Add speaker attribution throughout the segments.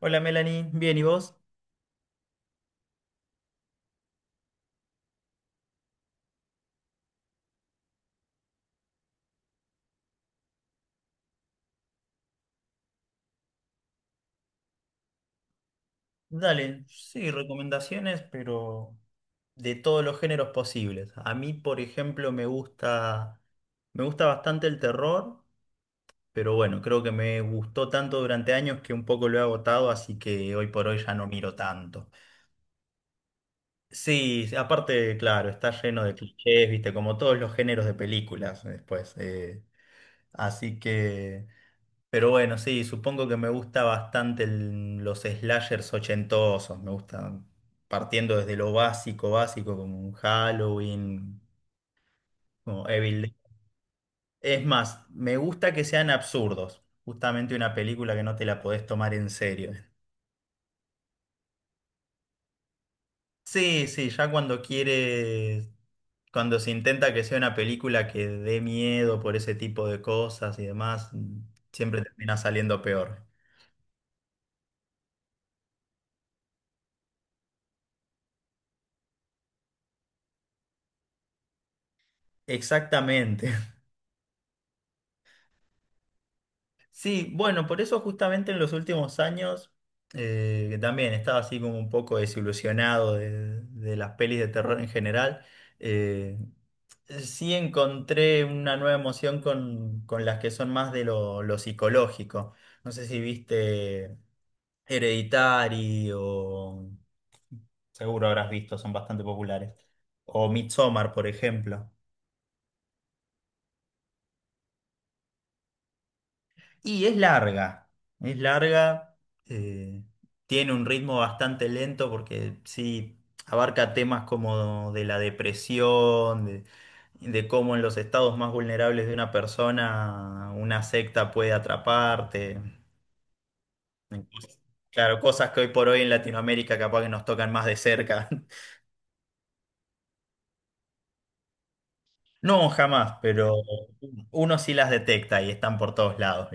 Speaker 1: Hola Melanie, bien, ¿y vos? Dale, sí, recomendaciones, pero de todos los géneros posibles. A mí, por ejemplo, me gusta bastante el terror, pero bueno, creo que me gustó tanto durante años que un poco lo he agotado, así que hoy por hoy ya no miro tanto. Sí, sí, aparte, claro, está lleno de clichés, viste, como todos los géneros de películas después. Así que... Pero bueno, sí, supongo que me gusta bastante los slashers ochentosos. Me gustan partiendo desde lo básico, básico, como un Halloween, como Evil Dead. Es más, me gusta que sean absurdos. Justamente una película que no te la podés tomar en serio. Sí, sí, cuando se intenta que sea una película que dé miedo por ese tipo de cosas y demás, siempre termina saliendo peor. Exactamente. Sí, bueno, por eso justamente en los últimos años que también estaba así como un poco desilusionado de las pelis de terror en general. eh, sí encontré una nueva emoción con las que son más de lo psicológico. No sé si viste Hereditary o seguro habrás visto, son bastante populares. O Midsommar, por ejemplo. Y es larga, es larga, eh, tiene un ritmo bastante lento porque sí abarca temas como de la depresión, de cómo en los estados más vulnerables de una persona una secta puede atraparte. Claro, cosas que hoy por hoy en Latinoamérica capaz que nos tocan más de cerca. No, jamás, pero uno sí las detecta y están por todos lados.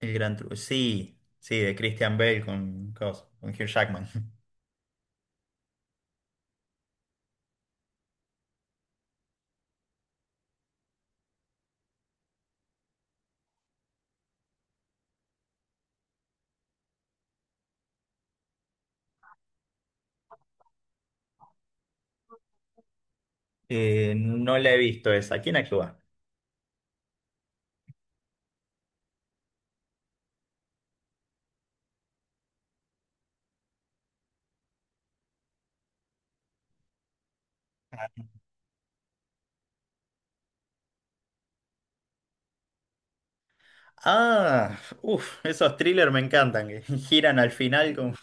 Speaker 1: El gran truco. Sí, sí, de Christian Bale con Hugh Jackman. No la he visto esa. ¿Quién actúa? Ah, uff, esos thrillers me encantan, que giran al final con...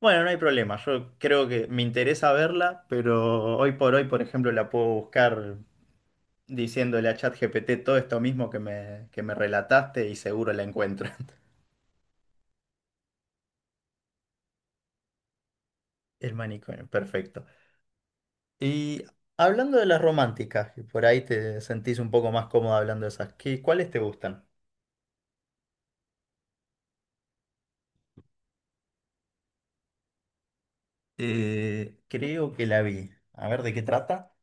Speaker 1: Bueno, no hay problema, yo creo que me interesa verla, pero hoy por hoy, por ejemplo, la puedo buscar diciéndole a ChatGPT todo esto mismo que me relataste y seguro la encuentro. El manicomio, perfecto. Y hablando de las románticas, que por ahí te sentís un poco más cómodo hablando de esas, ¿qué, cuáles te gustan? Creo que la vi. A ver, ¿de qué trata?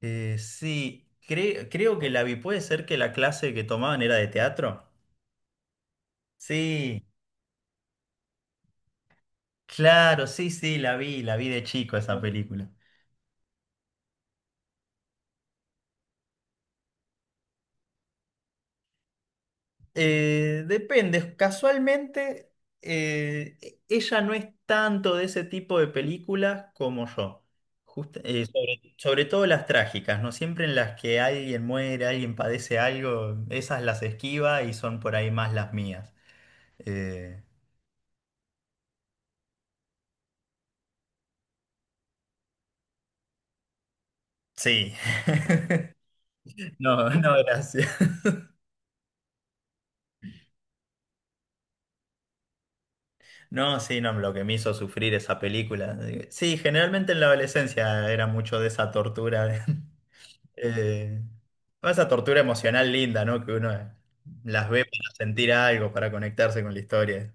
Speaker 1: Sí, creo que la vi. ¿Puede ser que la clase que tomaban era de teatro? Sí, claro, sí, sí, la vi de chico esa película. Depende, casualmente ella no es tanto de ese tipo de películas como yo. Sobre, sobre todo las trágicas, ¿no? Siempre en las que alguien muere, alguien padece algo, esas las esquiva y son por ahí más las mías. Eh, sí. No, no, gracias. No, sí, no, lo que me hizo sufrir esa película. Sí, generalmente en la adolescencia era mucho de esa tortura, de- eh, esa tortura emocional linda, ¿no? Que uno las ve para sentir algo, para conectarse con la historia.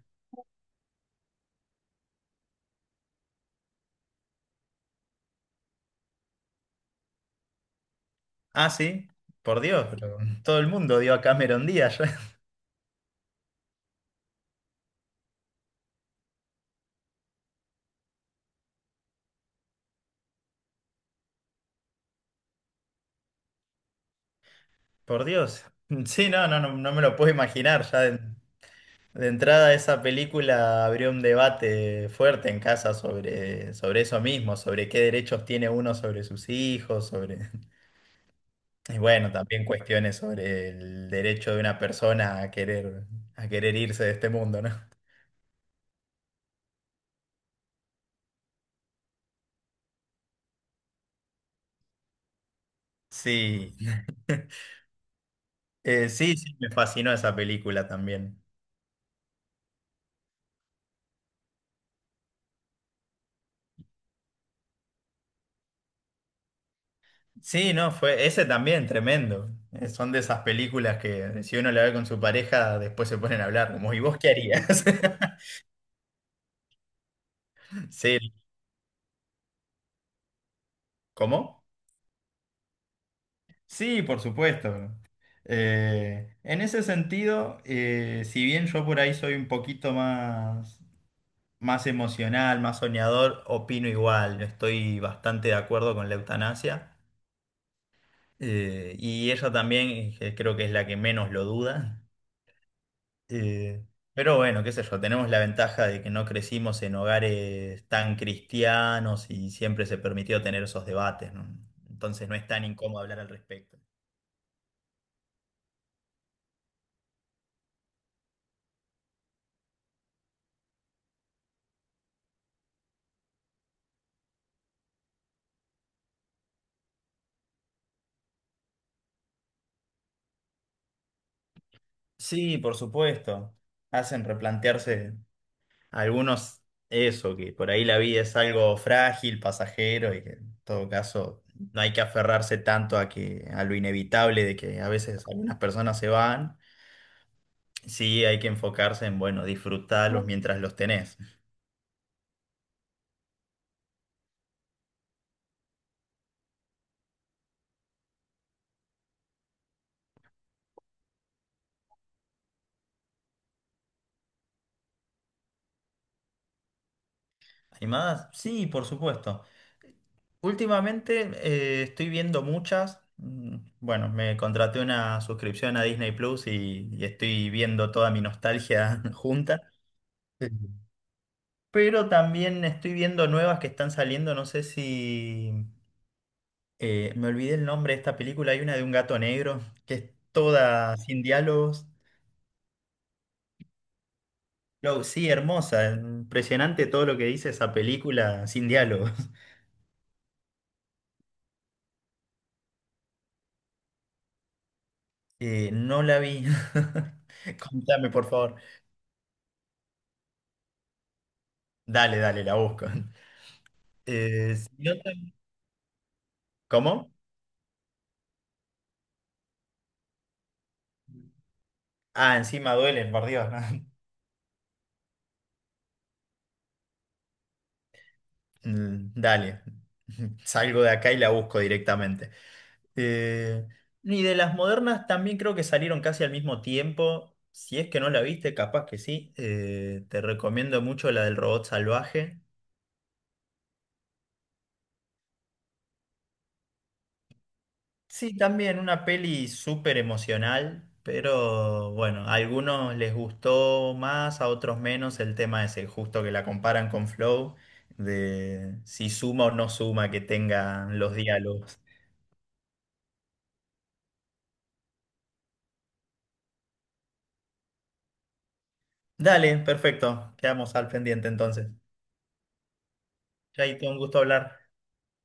Speaker 1: Ah, sí, por Dios, pero todo el mundo dio a Cameron Díaz, ya. Por Dios. Sí, no, no, no, no me lo puedo imaginar. Ya de entrada esa película abrió un debate fuerte en casa sobre, sobre eso mismo, sobre qué derechos tiene uno sobre sus hijos, sobre... Y bueno, también cuestiones sobre el derecho de una persona a querer irse de este mundo, ¿no? Sí, sí, sí, me fascinó esa película también. Sí, no, fue ese también, tremendo. Son de esas películas que si uno la ve con su pareja, después se ponen a hablar, como, ¿y vos qué harías? Sí, ¿cómo? Sí, por supuesto. En ese sentido, si bien yo por ahí soy un poquito más... más emocional, más soñador, opino igual. Estoy bastante de acuerdo con la eutanasia. Y ella también, que creo que es la que menos lo duda. Eh, pero bueno, qué sé yo, tenemos la ventaja de que no crecimos en hogares tan cristianos y siempre se permitió tener esos debates, ¿no? Entonces no es tan incómodo hablar al respecto. Sí, por supuesto. Hacen replantearse algunos, eso, que por ahí la vida es algo frágil, pasajero, y que en todo caso no hay que aferrarse tanto a que, a lo inevitable de que a veces algunas personas se van. Sí, hay que enfocarse en, bueno, disfrutarlos mientras los tenés. ¿Animadas? Sí, por supuesto. Últimamente estoy viendo muchas. Mm, bueno, me contraté una suscripción a Disney Plus y estoy viendo toda mi nostalgia junta. Pero también estoy viendo nuevas que están saliendo, no sé si... me olvidé el nombre de esta película, hay una de un gato negro, que es toda sin diálogos. No, sí, hermosa, impresionante todo lo que dice esa película sin diálogos. No la vi. Contame, por favor. Dale, dale, la busco. Si no te- ¿Cómo? Ah, encima duelen, por Dios. Mm, dale, salgo de acá y la busco directamente. Eh, y de las modernas también creo que salieron casi al mismo tiempo. Si es que no la viste, capaz que sí. Te recomiendo mucho la del robot salvaje. Sí, también una peli súper emocional, pero bueno, a algunos les gustó más, a otros menos el tema ese, justo que la comparan con Flow, de si suma o no suma que tengan los diálogos. Dale, perfecto. Quedamos al pendiente entonces. Chaito, un gusto hablar.